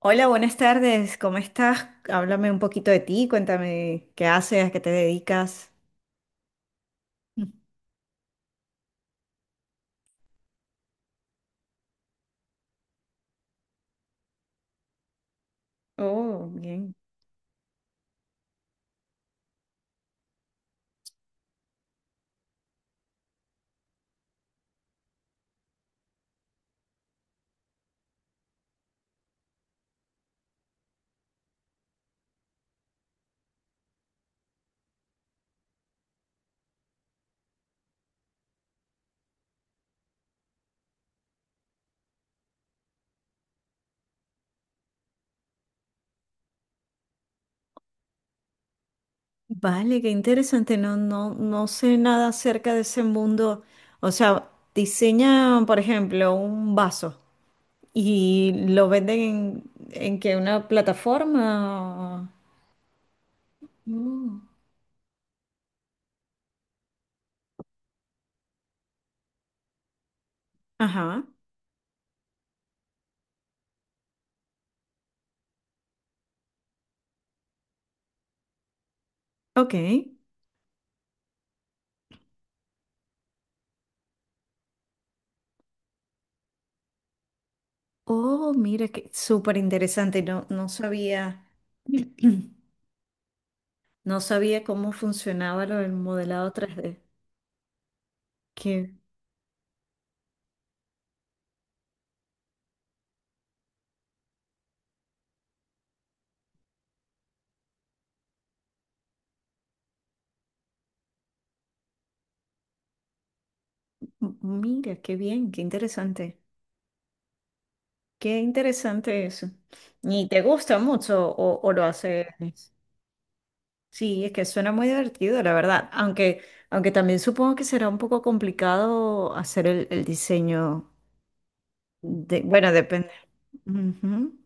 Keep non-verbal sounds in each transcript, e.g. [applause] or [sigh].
Hola, buenas tardes. ¿Cómo estás? Háblame un poquito de ti, cuéntame qué haces, a qué te dedicas. Oh, bien. Vale, qué interesante. No, no, no sé nada acerca de ese mundo. O sea, diseñan, por ejemplo, un vaso y lo venden en que una plataforma. Mm. Ajá. Ok. Oh, mira, qué súper interesante. No, no sabía. [clears throat] No sabía cómo funcionaba lo del modelado tres d. Que, Mira, qué bien, qué interesante. Qué interesante eso. ¿Y te gusta mucho o lo haces? Sí, es que suena muy divertido, la verdad. Aunque, aunque también supongo que será un poco complicado hacer el diseño de, bueno, depende. Ujú.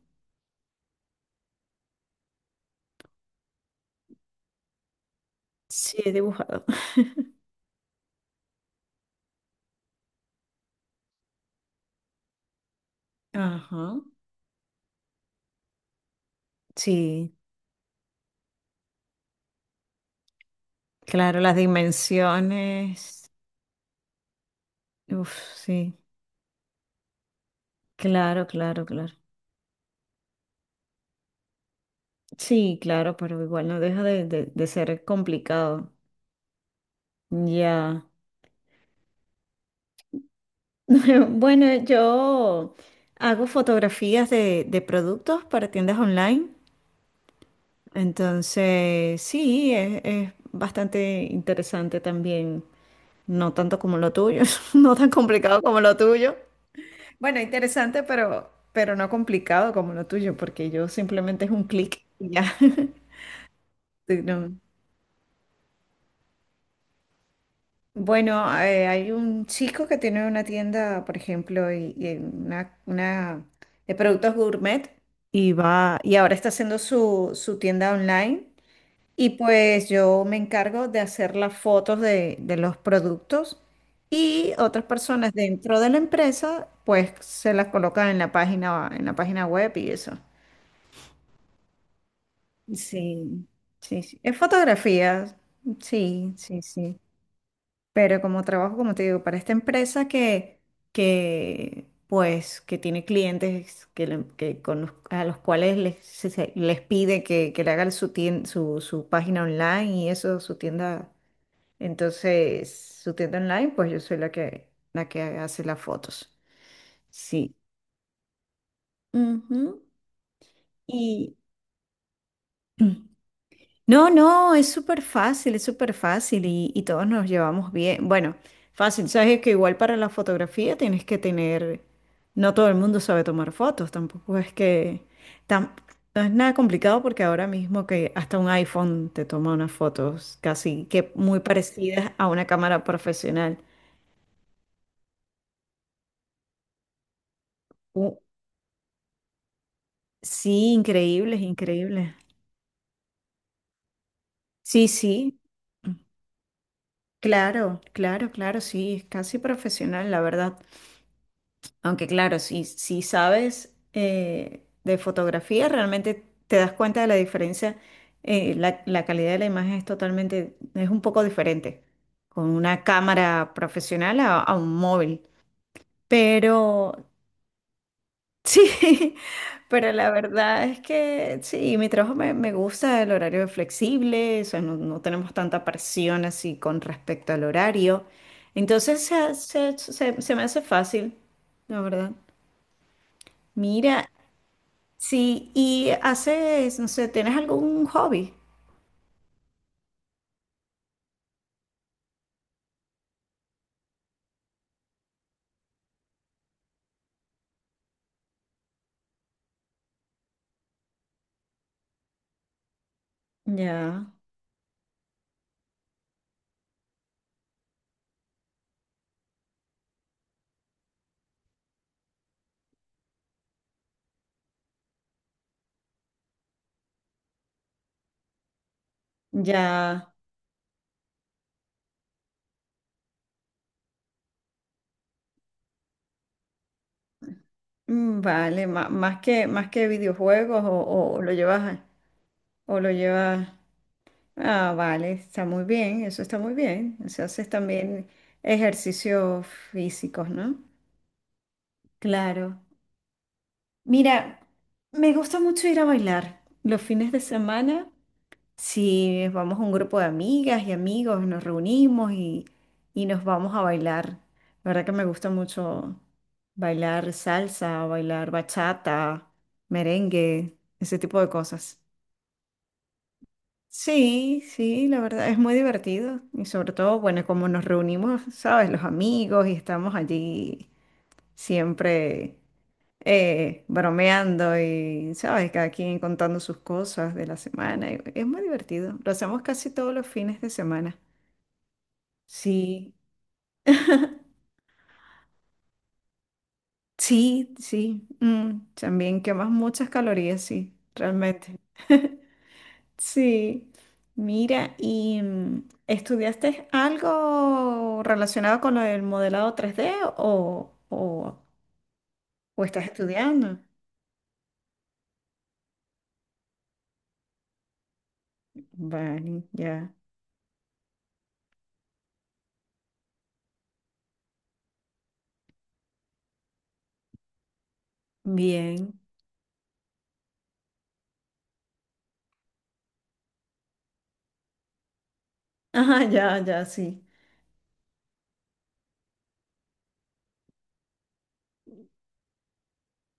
Sí, he dibujado. [laughs] Ajá. Sí, claro, las dimensiones. Uf, sí. Claro, claro, claro. Sí, claro, pero igual no deja de ser complicado. Ya. [laughs] Bueno, yo hago fotografías de productos para tiendas online. Entonces, sí, es bastante interesante también. No tanto como lo tuyo, [laughs] no tan complicado como lo tuyo. Bueno, interesante, pero no complicado como lo tuyo, porque yo simplemente es un clic y ya. [laughs] Sí, no. Bueno, hay un chico que tiene una tienda, por ejemplo, y una de productos gourmet y va y ahora está haciendo su tienda online y pues yo me encargo de hacer las fotos de los productos y otras personas dentro de la empresa pues se las colocan en la página web y eso. Sí, sí, sí. Es fotografía. Sí, sí, sí. Pero como trabajo, como te digo, para esta empresa que tiene clientes que a los cuales les pide que le hagan su página online y eso, su tienda, entonces, su tienda online, pues yo soy la que hace las fotos. Sí. Ujú. Y [clears throat] no, no, es súper fácil y todos nos llevamos bien. Bueno, fácil, sabes que igual para la fotografía tienes que tener, no todo el mundo sabe tomar fotos, tampoco es tam- no es nada complicado porque ahora mismo que hasta un iPhone te toma unas fotos casi que muy parecidas a una cámara profesional. Uh, sí, increíbles, increíbles. Sí, sí, claro, claro, claro, sí, es casi profesional, la verdad. Aunque claro, si sabes de fotografía, realmente te das cuenta de la diferencia. La calidad de la imagen es totalmente, es un poco diferente con una cámara profesional a un móvil. Pero sí, [laughs] pero la verdad es que sí, mi trabajo me gusta, el horario es flexible, o sea, no, no tenemos tanta presión así con respecto al horario. Entonces se me hace fácil, la verdad. Mira, sí, y haces, no sé, ¿tienes algún hobby? Ya, ya, vale, más que videojuegos o lo llevas, ah, vale, está muy bien, eso está muy bien, o sea, haces también ejercicios físicos, ¿no? Claro. Mira, me gusta mucho ir a bailar los fines de semana. Si vamos a un grupo de amigas y amigos, nos reunimos y nos vamos a bailar. La verdad que me gusta mucho bailar salsa, bailar bachata, merengue, ese tipo de cosas. Sí, sí, la verdad es muy divertido y sobre todo, bueno, como nos reunimos, ¿sabes? Los amigos y estamos allí siempre bromeando y, ¿sabes? Cada quien contando sus cosas de la semana. Y es muy divertido. Lo hacemos casi todos los fines de semana. Sí, sí, sí. También quemas muchas calorías, sí, realmente. Sí. Mira, ¿y estudiaste algo relacionado con lo del modelado tres d o estás estudiando? Vale, ya. Bien. [laughs] Ajá, ya, ya, sí.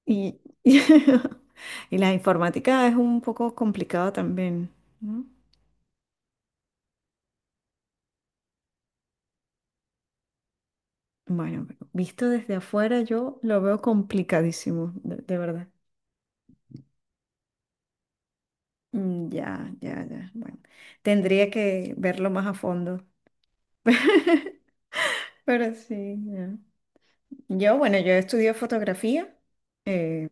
Y, [laughs] y la informática es un poco complicada también, ¿no? Bueno, pero visto desde afuera yo lo veo complicadísimo, de verdad. Ya, ya, ya. Bueno, tendría que verlo más a fondo. [laughs] Pero sí, ya. Yo, bueno, yo estudié fotografía eh,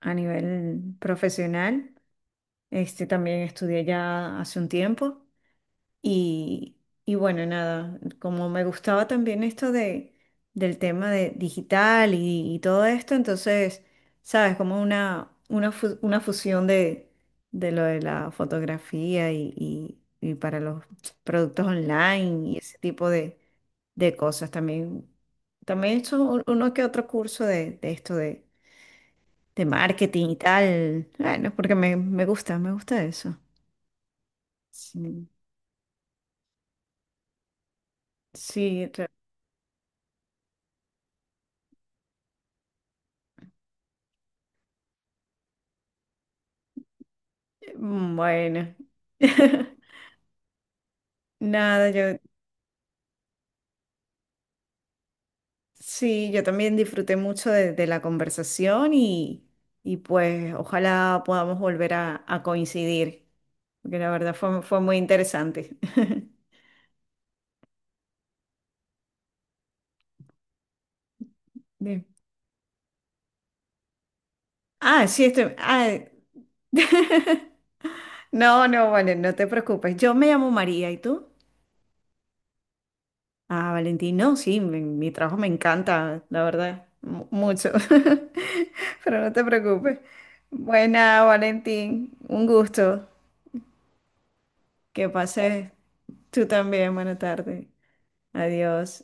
a nivel profesional. Este también estudié ya hace un tiempo. Y, y bueno, nada, como me gustaba también esto del tema de digital y todo esto, entonces, sabes, como una fusión de lo de la fotografía y para los productos online y ese tipo de cosas. También, también he hecho uno que otro curso de esto de marketing y tal. Bueno, porque me, me gusta eso. Sí, sí, bueno, [laughs] nada, yo sí, yo también disfruté mucho de la conversación y pues ojalá podamos volver a coincidir, porque la verdad fue, fue muy interesante. [laughs] Bien. Ah, sí, estoy... ah, [laughs] no, no, vale, no te preocupes. Yo me llamo María, ¿y tú? Ah, Valentín, no, sí, mi trabajo me encanta, la verdad, mucho. [laughs] Pero no te preocupes. Buena, Valentín, un gusto. Que pases tú también. Buena tarde. Adiós.